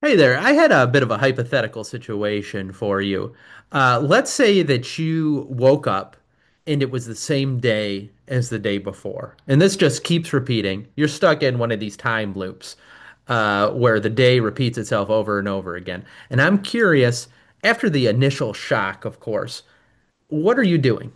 Hey there. I had a bit of a hypothetical situation for you. Let's say that you woke up and it was the same day as the day before. And this just keeps repeating. You're stuck in one of these time loops where the day repeats itself over and over again. And I'm curious, after the initial shock, of course, what are you doing?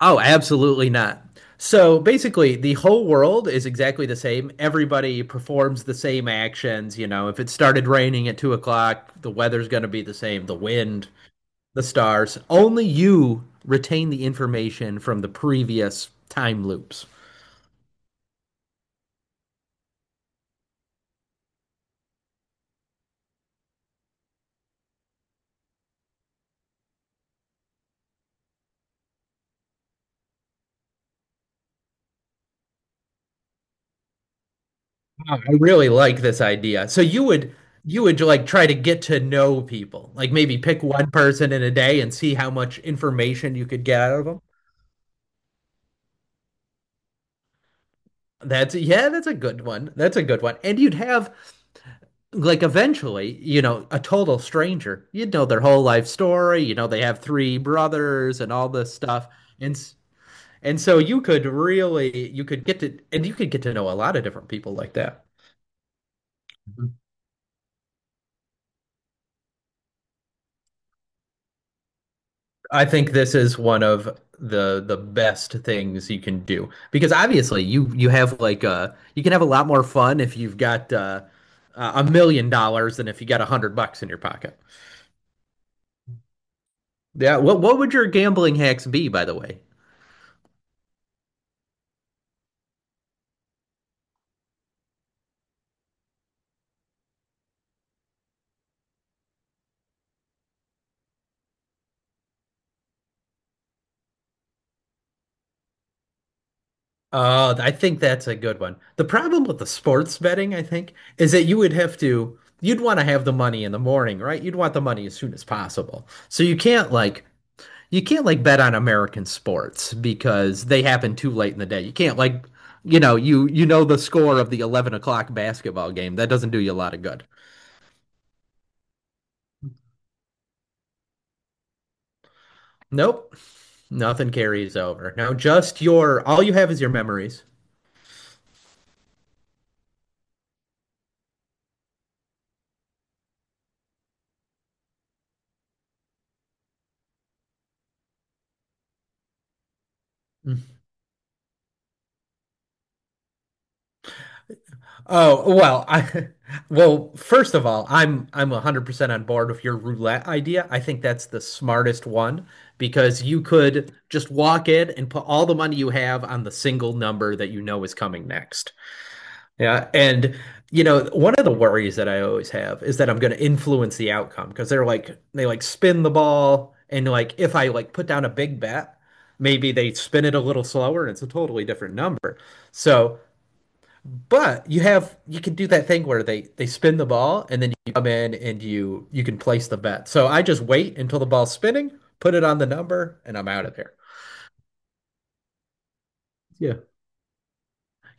Oh, absolutely not. So basically, the whole world is exactly the same. Everybody performs the same actions. You know, if it started raining at 2:00, the weather's going to be the same, the wind, the stars. Only you retain the information from the previous time loops. I really like this idea. So you would like try to get to know people. Like maybe pick one person in a day and see how much information you could get out of them. That's yeah, that's a good one. That's a good one. And you'd have like eventually, you know, a total stranger, you know their whole life story, you know they have three brothers and all this stuff. And and so you could really you could get to and you could get to know a lot of different people like that. Mhm. I think this is one of the best things you can do because obviously you have like a you can have a lot more fun if you've got $1 million than if you got 100 bucks in your pocket. Yeah, what would your gambling hacks be, by the way? Oh, I think that's a good one. The problem with the sports betting, I think, is that you would have to, you'd want to have the money in the morning, right? You'd want the money as soon as possible. So you can't like bet on American sports because they happen too late in the day. You can't like, you know, you know the score of the 11 o'clock basketball game. That doesn't do you a lot of good. Nope. Nothing carries over. Now, just your, all you have is your memories. Oh, well, I, well, first of all, I'm 100% on board with your roulette idea. I think that's the smartest one because you could just walk in and put all the money you have on the single number that you know is coming next. Yeah, and you know, one of the worries that I always have is that I'm going to influence the outcome because they're like they like spin the ball and like if I like put down a big bet, maybe they spin it a little slower and it's a totally different number. So, but you have you can do that thing where they spin the ball and then you come in and you can place the bet. So I just wait until the ball's spinning, put it on the number, and I'm out of there. Yeah.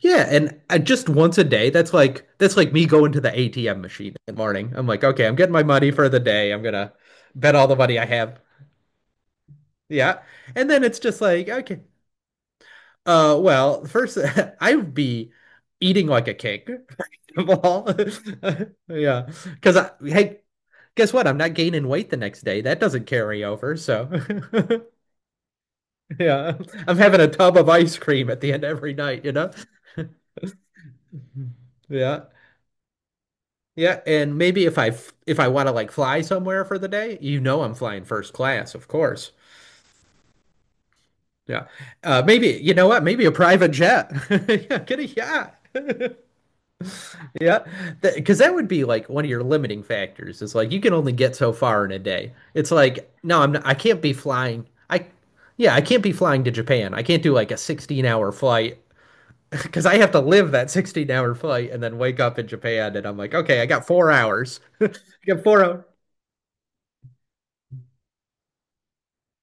Yeah, and I just once a day, that's like me going to the ATM machine in the morning. I'm like, okay, I'm getting my money for the day. I'm gonna bet all the money I have. Yeah. And then it's just like, okay, well, first I'd be eating like a king. of all. Yeah. Because I, hey, guess what? I'm not gaining weight the next day. That doesn't carry over. So yeah, I'm having a tub of ice cream at the end of every night, you know? Yeah. Yeah, and maybe if if I want to like fly somewhere for the day, you know I'm flying first class, of course. Yeah. Maybe you know what? Maybe a private jet. Yeah, get a yacht. Yeah. Because that would be like one of your limiting factors. It's like you can only get so far in a day. It's like no, I'm not, I can't be flying. I yeah, I can't be flying to Japan. I can't do like a 16-hour flight because I have to live that 16-hour flight and then wake up in Japan and I'm like, "Okay, I got 4 hours." I got 4 hours.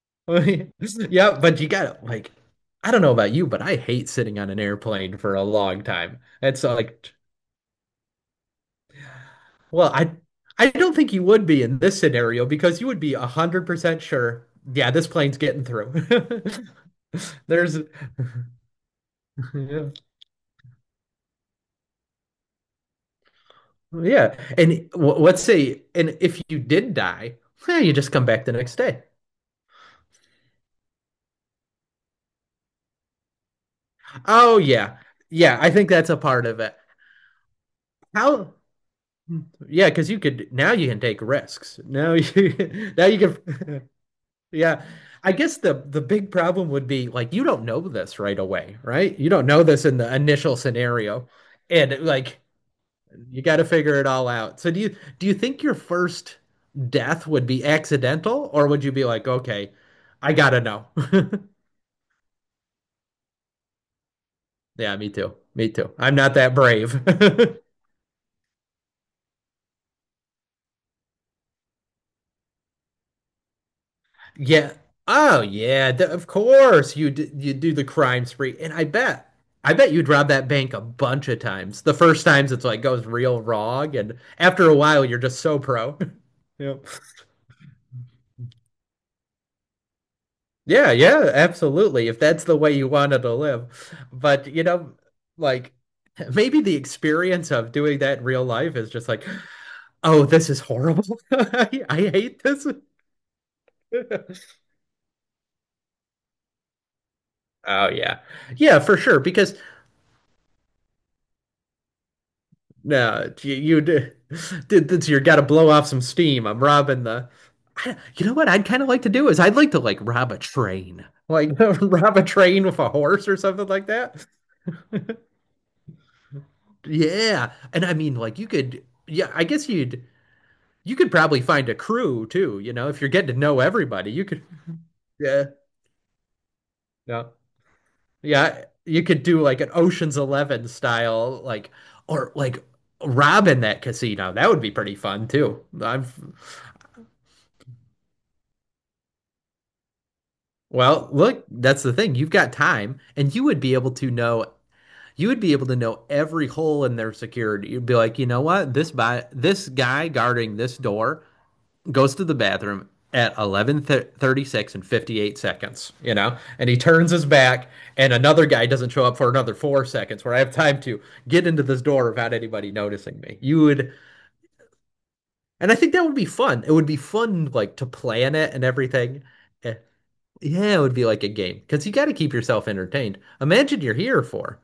Yeah, but you gotta like, I don't know about you, but I hate sitting on an airplane for a long time. It's like, well, I don't think you would be in this scenario because you would be 100% sure, yeah, this plane's getting through. There's, yeah, and w let's say, and if you did die, eh, you just come back the next day. Oh yeah, yeah, I think that's a part of it. How? Yeah, because you could now you can take risks. Now you now you can. Yeah. I guess the big problem would be like you don't know this right away, right? You don't know this in the initial scenario. And like you got to figure it all out. So do you think your first death would be accidental or would you be like, "Okay, I got to know." Yeah, me too. Me too. I'm not that brave. Yeah. Oh, yeah. Of course you do the crime spree, and I bet you'd rob that bank a bunch of times. The first times it's like goes real wrong, and after a while you're just so pro. Yep. Yeah, yeah, absolutely. If that's the way you wanted to live, but you know, like maybe the experience of doing that in real life is just like, oh, this is horrible. I hate this. Oh yeah. Yeah, for sure. Because no, you did. This, you got to blow off some steam. I'm robbing the. I, you know what? I'd kind of like to do is I'd like to like rob a train, like rob a train with a horse or something like that. Yeah, and I mean, like you could. Yeah, I guess you'd. You could probably find a crew too. You know, if you're getting to know everybody, you could. Yeah. Yeah. Yeah. You could do like an Ocean's Eleven style, like or like robbing that casino. That would be pretty fun too. I've well, look, that's the thing. You've got time, and you would be able to know. You would be able to know every hole in their security. You'd be like, you know what? This by this guy guarding this door goes to the bathroom at 11:36 and 58 seconds, you know? And he turns his back and another guy doesn't show up for another 4 seconds where I have time to get into this door without anybody noticing me. You would and I think that would be fun. It would be fun like to plan it and everything. eh, yeah, it would be like a game because you got to keep yourself entertained. Imagine you're here for,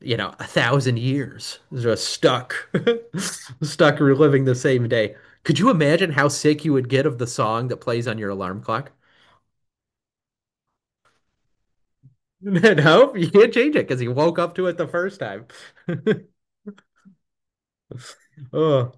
you know, a thousand years, just stuck, stuck reliving the same day. Could you imagine how sick you would get of the song that plays on your alarm clock? No, you can't change it because you woke up to it the first time. Oh,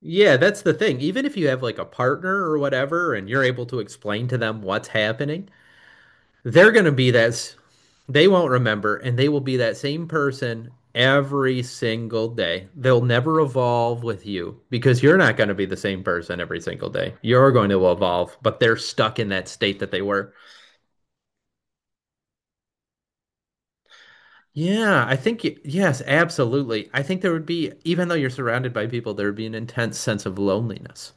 yeah, that's the thing. Even if you have like a partner or whatever, and you're able to explain to them what's happening, they're going to be that they won't remember, and they will be that same person every single day. They'll never evolve with you because you're not going to be the same person every single day. You're going to evolve, but they're stuck in that state that they were. Yeah, I think, yes, absolutely. I think there would be, even though you're surrounded by people, there would be an intense sense of loneliness,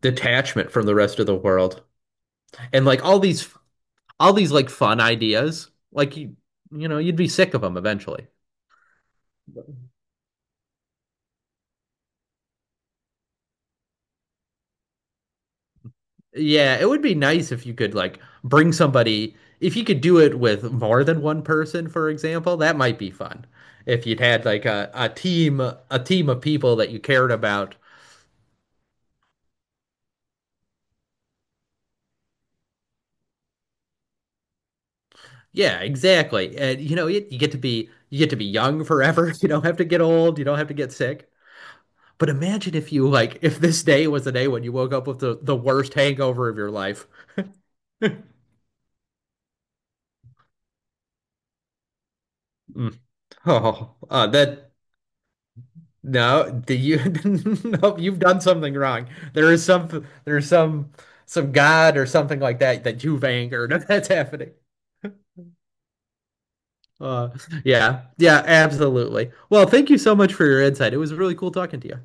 detachment from the rest of the world, and like all these like fun ideas, like you know you'd be sick of them eventually. Yeah, it would be nice if you could like bring somebody, if you could do it with more than one person, for example, that might be fun. If you'd had like a team, a team of people that you cared about. Yeah, exactly. And you know, you get to be you get to be young forever. You don't have to get old, you don't have to get sick. But imagine if you like if this day was the day when you woke up with the worst hangover of your life. Mm. Oh, that no, do you? Nope, you've done something wrong. There is some, there's some God or something like that that you've angered. That's happening. Uh, yeah, yeah, absolutely. Well, thank you so much for your insight. It was really cool talking to you.